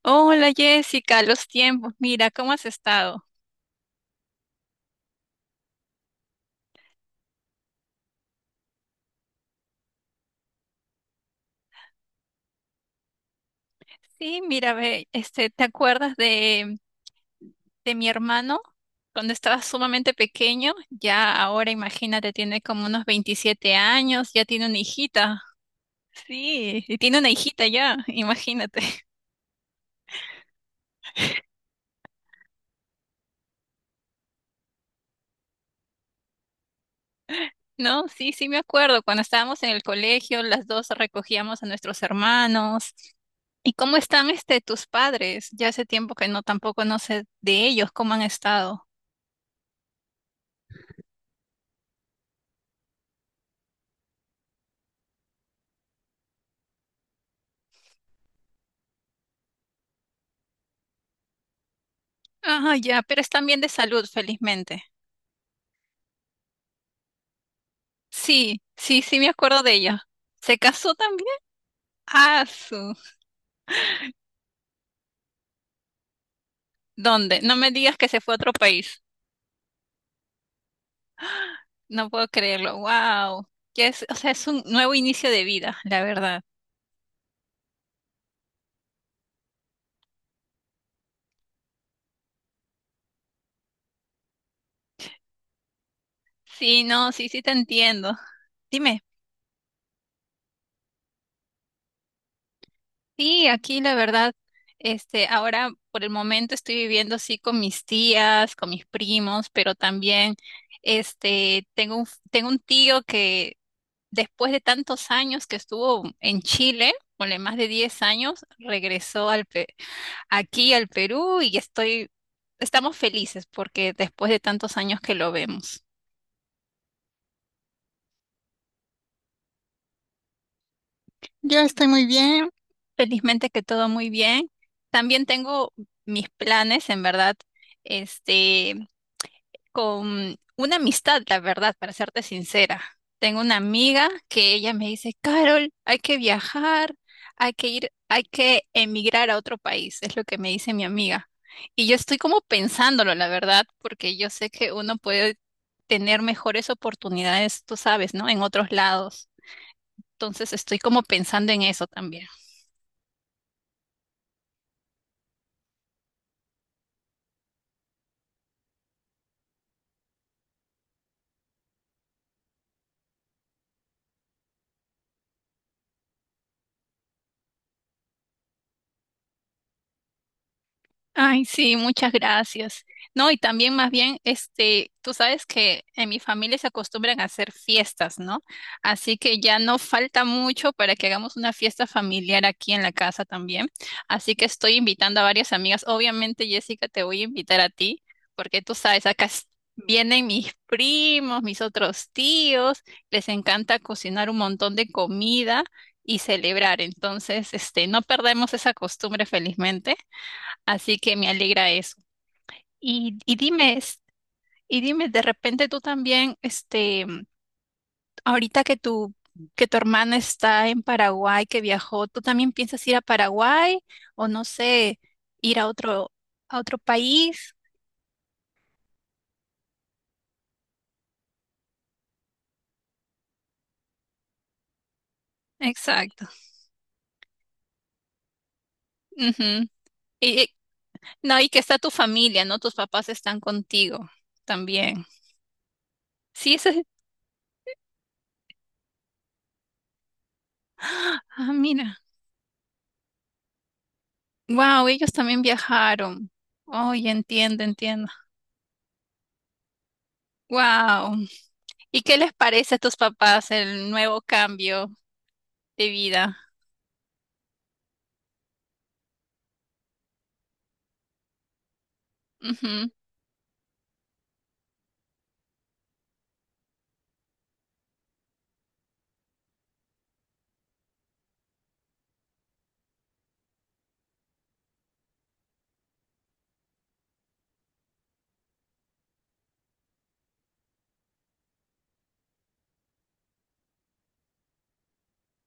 Hola Jessica, los tiempos, mira, ¿cómo has estado? Sí, mira, ve, ¿te acuerdas de mi hermano? Cuando estaba sumamente pequeño, ya ahora imagínate, tiene como unos 27 años, ya tiene una hijita. Sí, y tiene una hijita ya, imagínate. No, sí, sí me acuerdo, cuando estábamos en el colegio, las dos recogíamos a nuestros hermanos. ¿Y cómo están tus padres? Ya hace tiempo que no, tampoco no sé de ellos, ¿cómo han estado? Ajá, ya, pero están bien de salud, felizmente. Sí, sí, sí me acuerdo de ella. ¿Se casó también? Ah, su. ¿Dónde? No me digas que se fue a otro país. No puedo creerlo. Wow. Que es, o sea, es un nuevo inicio de vida, la verdad. Sí, no, sí, sí te entiendo. Dime. Sí, aquí la verdad, ahora por el momento estoy viviendo así con mis tías, con mis primos, pero también, tengo un tío que después de tantos años que estuvo en Chile, ponle más de 10 años, regresó al aquí al Perú y estamos felices porque después de tantos años que lo vemos. Yo estoy muy bien. Felizmente que todo muy bien. También tengo mis planes, en verdad. Este, con una amistad, la verdad, para serte sincera. Tengo una amiga que ella me dice, Carol, hay que viajar, hay que ir, hay que emigrar a otro país, es lo que me dice mi amiga. Y yo estoy como pensándolo, la verdad, porque yo sé que uno puede tener mejores oportunidades, tú sabes, ¿no? En otros lados. Entonces estoy como pensando en eso también. Ay, sí, muchas gracias. No, y también más bien, tú sabes que en mi familia se acostumbran a hacer fiestas, ¿no? Así que ya no falta mucho para que hagamos una fiesta familiar aquí en la casa también. Así que estoy invitando a varias amigas. Obviamente, Jessica, te voy a invitar a ti, porque tú sabes, acá vienen mis primos, mis otros tíos, les encanta cocinar un montón de comida y celebrar. Entonces, no perdemos esa costumbre, felizmente. Así que me alegra eso. Y dime, de repente tú también, ahorita que que tu hermana está en Paraguay, que viajó, ¿tú también piensas ir a Paraguay o no sé, ir a otro, país? Exacto. Ujú. Y, y- no, y que está tu familia, ¿no? Tus papás están contigo también. Sí, eso. Ah, mira. Wow, ellos también viajaron. Oye, entiendo, entiendo. Wow. ¿Y qué les parece a tus papás el nuevo cambio de vida? Ujú.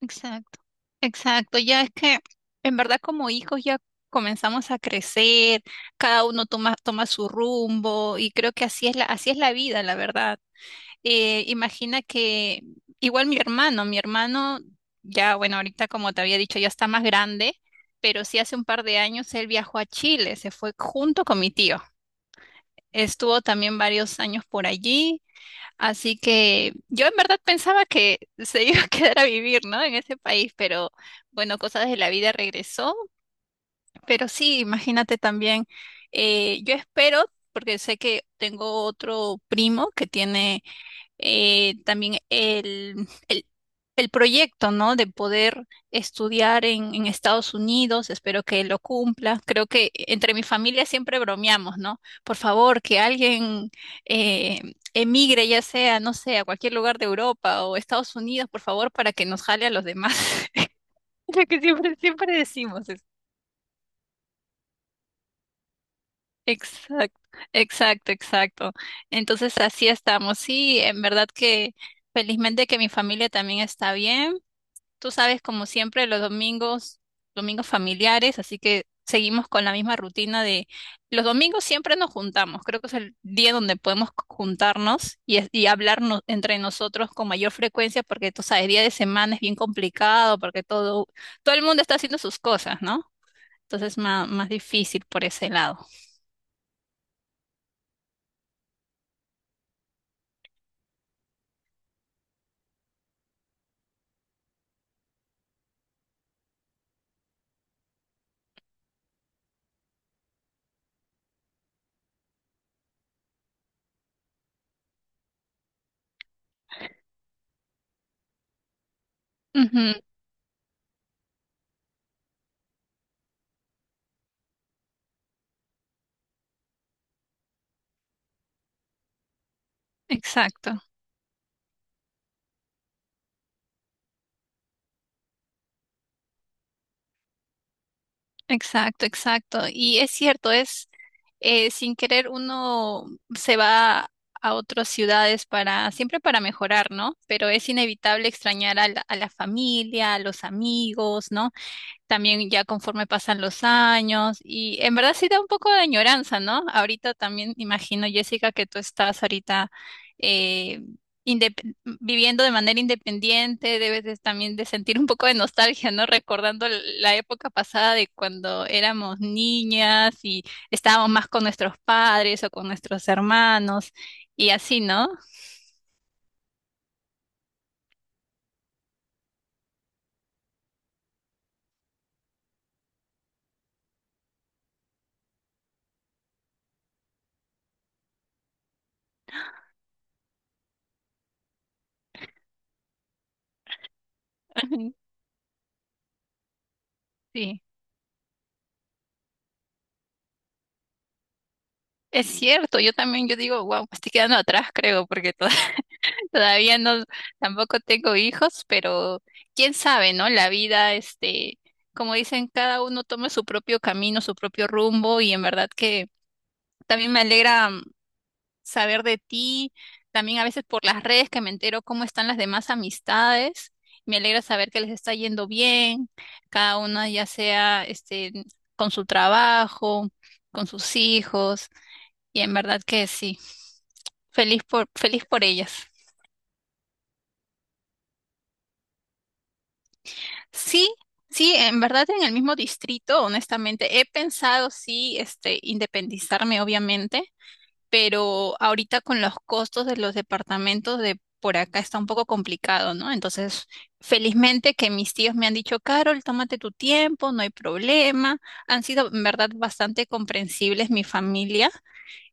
Exacto, exacto. Ya es que en verdad como hijos ya comenzamos a crecer, cada uno toma su rumbo y creo que así es la vida, la verdad. Imagina que igual mi hermano ya, bueno, ahorita como te había dicho, ya está más grande, pero sí hace un par de años él viajó a Chile, se fue junto con mi tío. Estuvo también varios años por allí. Así que yo en verdad pensaba que se iba a quedar a vivir, ¿no? En ese país, pero bueno, cosas de la vida regresó. Pero sí, imagínate también, yo espero, porque sé que tengo otro primo que tiene también el proyecto, ¿no? De poder estudiar en, Estados Unidos, espero que lo cumpla. Creo que entre mi familia siempre bromeamos, ¿no? Por favor, que alguien emigre, ya sea, no sé, a cualquier lugar de Europa o Estados Unidos, por favor, para que nos jale a los demás. Lo que siempre, siempre decimos es. Exacto, exacto, exacto. Entonces así estamos. Sí, en verdad que felizmente que mi familia también está bien. Tú sabes, como siempre, los domingos, domingos familiares, así que seguimos con la misma rutina de los domingos siempre nos juntamos. Creo que es el día donde podemos juntarnos y, y hablarnos entre nosotros con mayor frecuencia, porque tú sabes, día de semana es bien complicado, porque todo el mundo está haciendo sus cosas, ¿no? Entonces es más, más difícil por ese lado. Ujú, exacto. Exacto, exacto. Y es cierto, es sin querer uno se va a otras ciudades siempre para mejorar, ¿no? Pero es inevitable extrañar a la, familia, a los amigos, ¿no? También ya conforme pasan los años y en verdad sí da un poco de añoranza, ¿no? Ahorita también imagino, Jessica, que tú estás ahorita eh, viviendo de manera independiente, debes también de sentir un poco de nostalgia, ¿no? Recordando la época pasada de cuando éramos niñas y estábamos más con nuestros padres o con nuestros hermanos y así, ¿no? Sí. Es cierto, yo también, yo digo, wow, me estoy quedando atrás, creo, porque todo. Todavía no, tampoco tengo hijos, pero quién sabe, ¿no? La vida, como dicen, cada uno toma su propio camino, su propio rumbo, y en verdad que también me alegra, saber de ti, también a veces por las redes que me entero cómo están las demás amistades, me alegra saber que les está yendo bien, cada una ya sea, con su trabajo, con sus hijos, y en verdad que sí, feliz por ellas. Sí, sí, en verdad en el mismo distrito, honestamente, he pensado sí, independizarme, obviamente, pero ahorita con los costos de los departamentos de por acá está un poco complicado, ¿no? Entonces, felizmente que mis tíos me han dicho, Carol, tómate tu tiempo, no hay problema. Han sido, en verdad, bastante comprensibles mi familia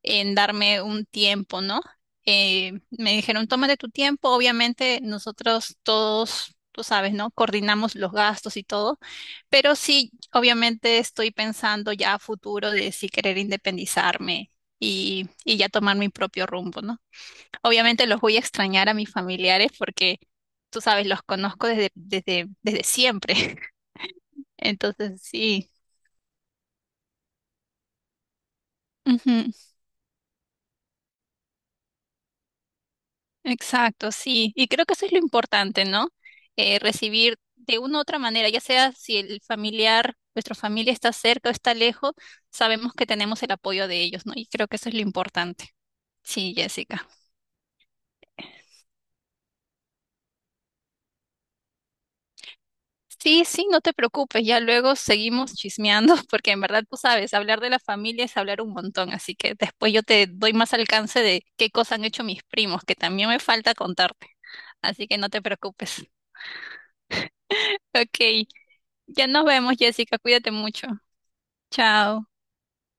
en darme un tiempo, ¿no? Me dijeron, tómate tu tiempo, obviamente nosotros todos, tú sabes, ¿no? Coordinamos los gastos y todo, pero sí, obviamente estoy pensando ya a futuro de si querer independizarme y ya tomar mi propio rumbo, ¿no? Obviamente los voy a extrañar a mis familiares porque, tú sabes, los conozco desde siempre. Entonces sí. Ujú. Exacto, sí. Y creo que eso es lo importante, ¿no? Recibir de una u otra manera, ya sea si el familiar, nuestra familia está cerca o está lejos, sabemos que tenemos el apoyo de ellos, ¿no? Y creo que eso es lo importante. Sí, Jessica. Sí, sí, no te preocupes, ya luego seguimos chismeando, porque en verdad tú sabes, hablar de la familia es hablar un montón, así que después yo te doy más alcance de qué cosas han hecho mis primos, que también me falta contarte. Así que no te preocupes. Ok, ya nos vemos, Jessica, cuídate mucho. Chao.